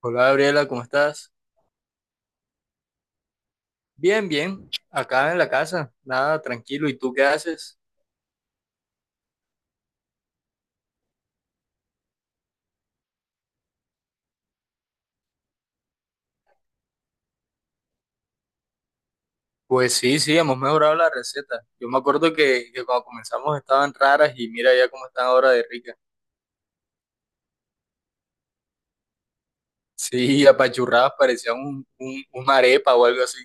Hola Gabriela, ¿cómo estás? Bien, bien, acá en la casa, nada, tranquilo. ¿Y tú qué haces? Pues sí, sí, hemos mejorado la receta. Yo me acuerdo que cuando comenzamos estaban raras y mira ya cómo están ahora de ricas. Sí, apachurradas, parecían una arepa o algo así.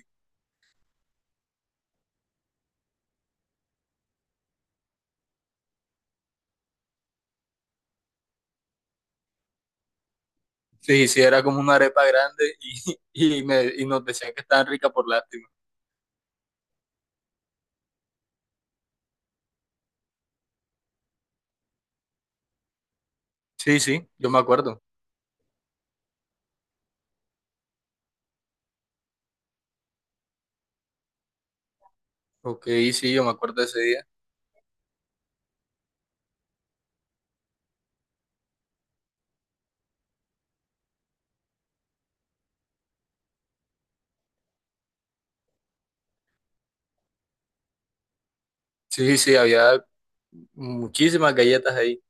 Sí, sí, era como una arepa grande y, y nos decían que estaban ricas por lástima. Sí, sí, yo me acuerdo. Ok, sí, yo me acuerdo de ese día. Sí, sí, había muchísimas galletas ahí.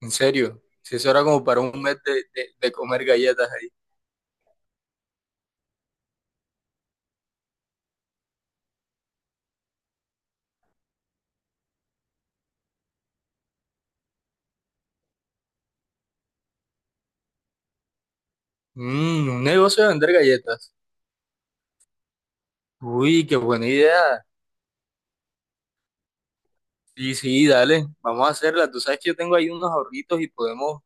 En serio, si eso era como para un mes de comer galletas ahí. Mm, un negocio de vender galletas. Uy, qué buena idea. Sí, sí, dale, vamos a hacerla. Tú sabes que yo tengo ahí unos ahorritos y podemos,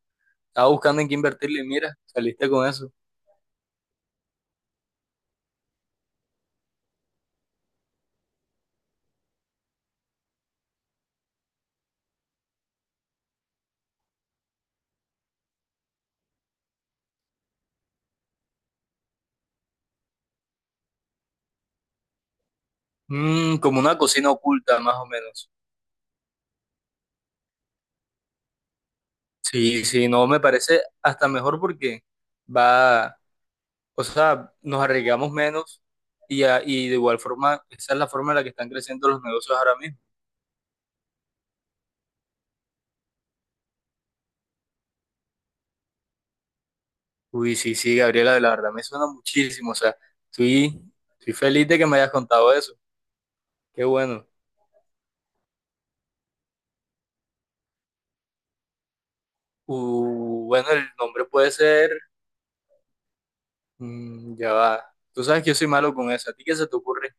estaba buscando en qué invertirle. Y mira, saliste con eso. Mm, como una cocina oculta, más o menos. Sí, sí, no, me parece hasta mejor porque va, o sea, nos arriesgamos menos y de igual forma, esa es la forma en la que están creciendo los negocios ahora mismo. Uy, sí, sí, Gabriela, la verdad me suena muchísimo. O sea, estoy, estoy feliz de que me hayas contado eso. Qué bueno. Bueno, el nombre puede ser. Ya va. Tú sabes que yo soy malo con eso. ¿A ti qué se te ocurre?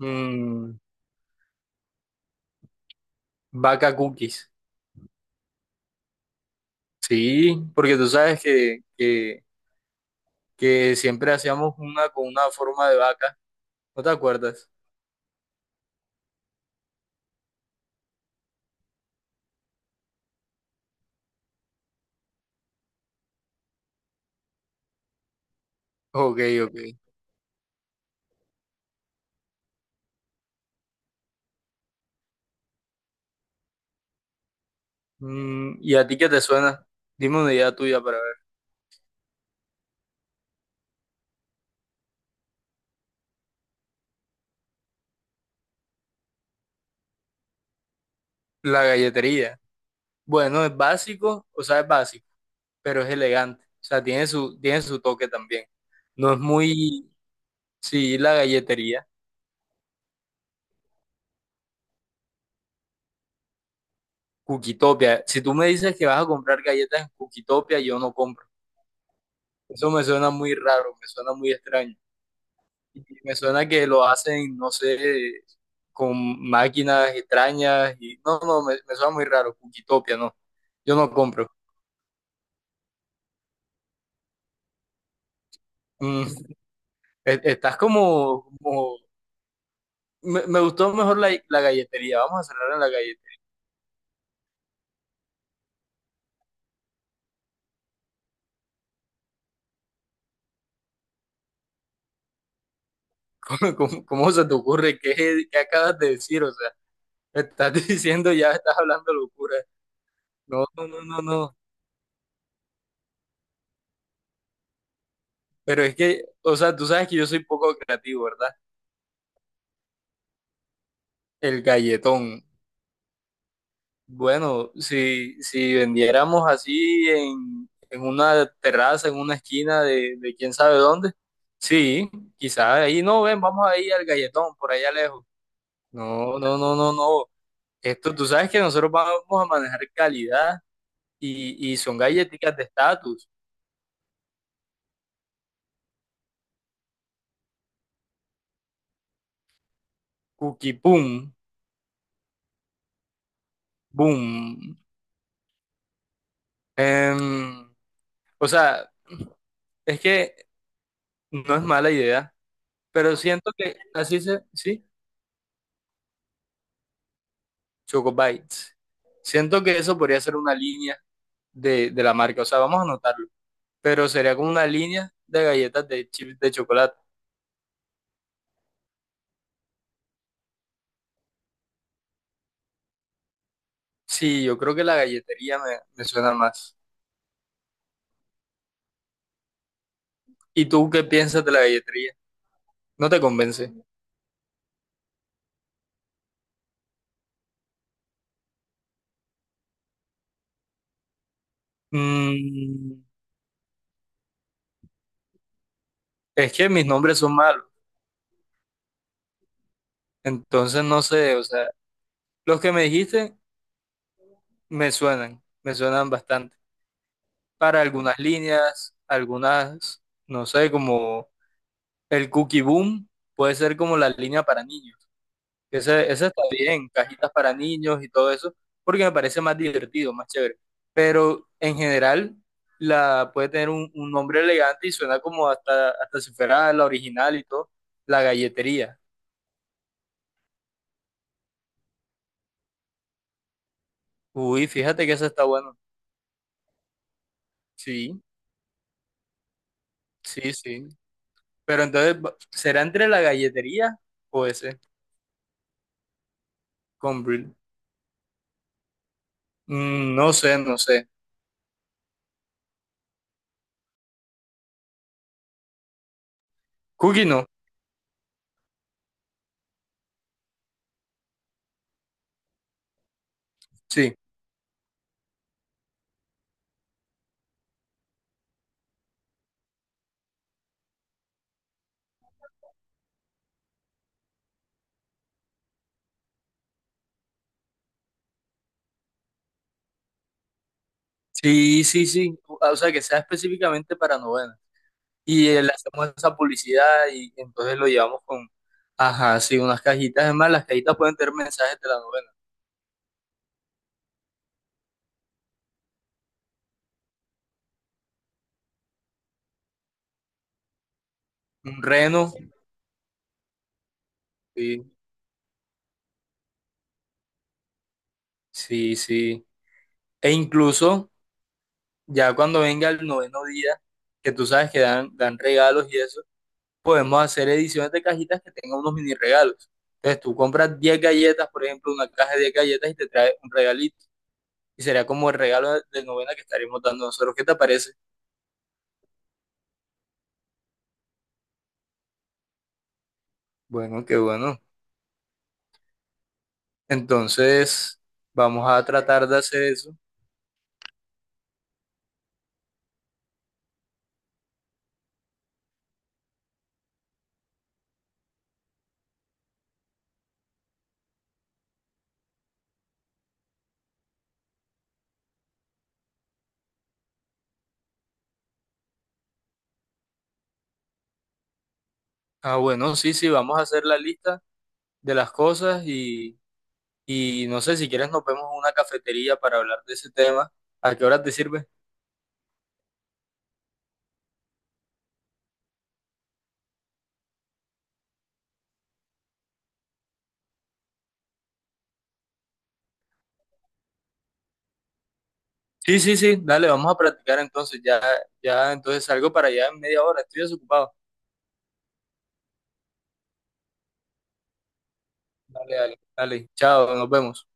Mm, Vaca cookies. Sí, porque tú sabes que siempre hacíamos una con una forma de vaca. ¿No te acuerdas? Ok, ok. ¿Y a ti qué te suena? Dime una idea tuya para ver. La galletería. Bueno, es básico, o sea, es básico. Pero es elegante. O sea, tiene su toque también. No es muy, sí, la galletería. Cookitopia. Si tú me dices que vas a comprar galletas en Cookitopia, yo no compro. Eso me suena muy raro, me suena muy extraño. Y me suena que lo hacen, no sé, con máquinas extrañas. Y no, no, me suena muy raro. Cookitopia, no. Yo no compro. Mm, Estás como, como. Me gustó mejor la galletería. Vamos a cerrar en la galletería. ¿Cómo se te ocurre? ¿Qué acabas de decir? O sea, estás diciendo ya, estás hablando locura. No, no, no, no, no. Pero es que, o sea, tú sabes que yo soy poco creativo, ¿verdad? El galletón. Bueno, si vendiéramos así en una terraza, en una esquina de quién sabe dónde, sí, quizás ahí no, ven, vamos ahí al galletón, por allá lejos. No, no, no, no, no. Esto, tú sabes que nosotros vamos a manejar calidad y son galletitas de estatus. Cookie Boom, boom. Em, o sea, es que no es mala idea, pero siento que así se, sí, Choco Bites. Siento que eso podría ser una línea de la marca, o sea, vamos a anotarlo, pero sería como una línea de galletas de chips de chocolate. Sí, yo creo que la galletería me suena más. ¿Y tú qué piensas de la galletería? ¿No te convence? Mm, es que mis nombres son malos, entonces no sé, o sea, los que me dijiste. Me suenan bastante. Para algunas líneas, algunas, no sé, como el Cookie Boom, puede ser como la línea para niños. Ese está bien, cajitas para niños y todo eso, porque me parece más divertido, más chévere. Pero en general, la puede tener un nombre elegante y suena como hasta si fuera la original y todo, la galletería. Uy, fíjate que eso está bueno. Sí, sí, sí. Pero entonces, ¿será entre la galletería o ese? Con Brie. No sé, no sé. Cookie no. Sí. Sí, sí, sí. Ah, o sea, que sea específicamente para novenas. Y le hacemos esa publicidad y entonces lo llevamos con, ajá, sí, unas cajitas. Es más, las cajitas pueden tener mensajes de la novena. Un reno. Sí, sí, sí. E incluso, ya cuando venga el noveno día, que tú sabes que dan regalos y eso, podemos hacer ediciones de cajitas que tengan unos mini regalos. Entonces tú compras 10 galletas, por ejemplo, una caja de 10 galletas y te trae un regalito. Y será como el regalo de novena que estaremos dando nosotros. ¿Qué te parece? Bueno, qué bueno. Entonces, vamos a tratar de hacer eso. Ah, bueno, sí, sí, vamos a hacer la lista de las cosas y no sé, si quieres nos vemos en una cafetería para hablar de ese tema. ¿A qué hora te sirve? Sí, sí, sí, dale, vamos a practicar entonces. Ya, ya, entonces salgo para allá en media hora. Estoy desocupado. Dale, dale, dale. Chao, nos vemos.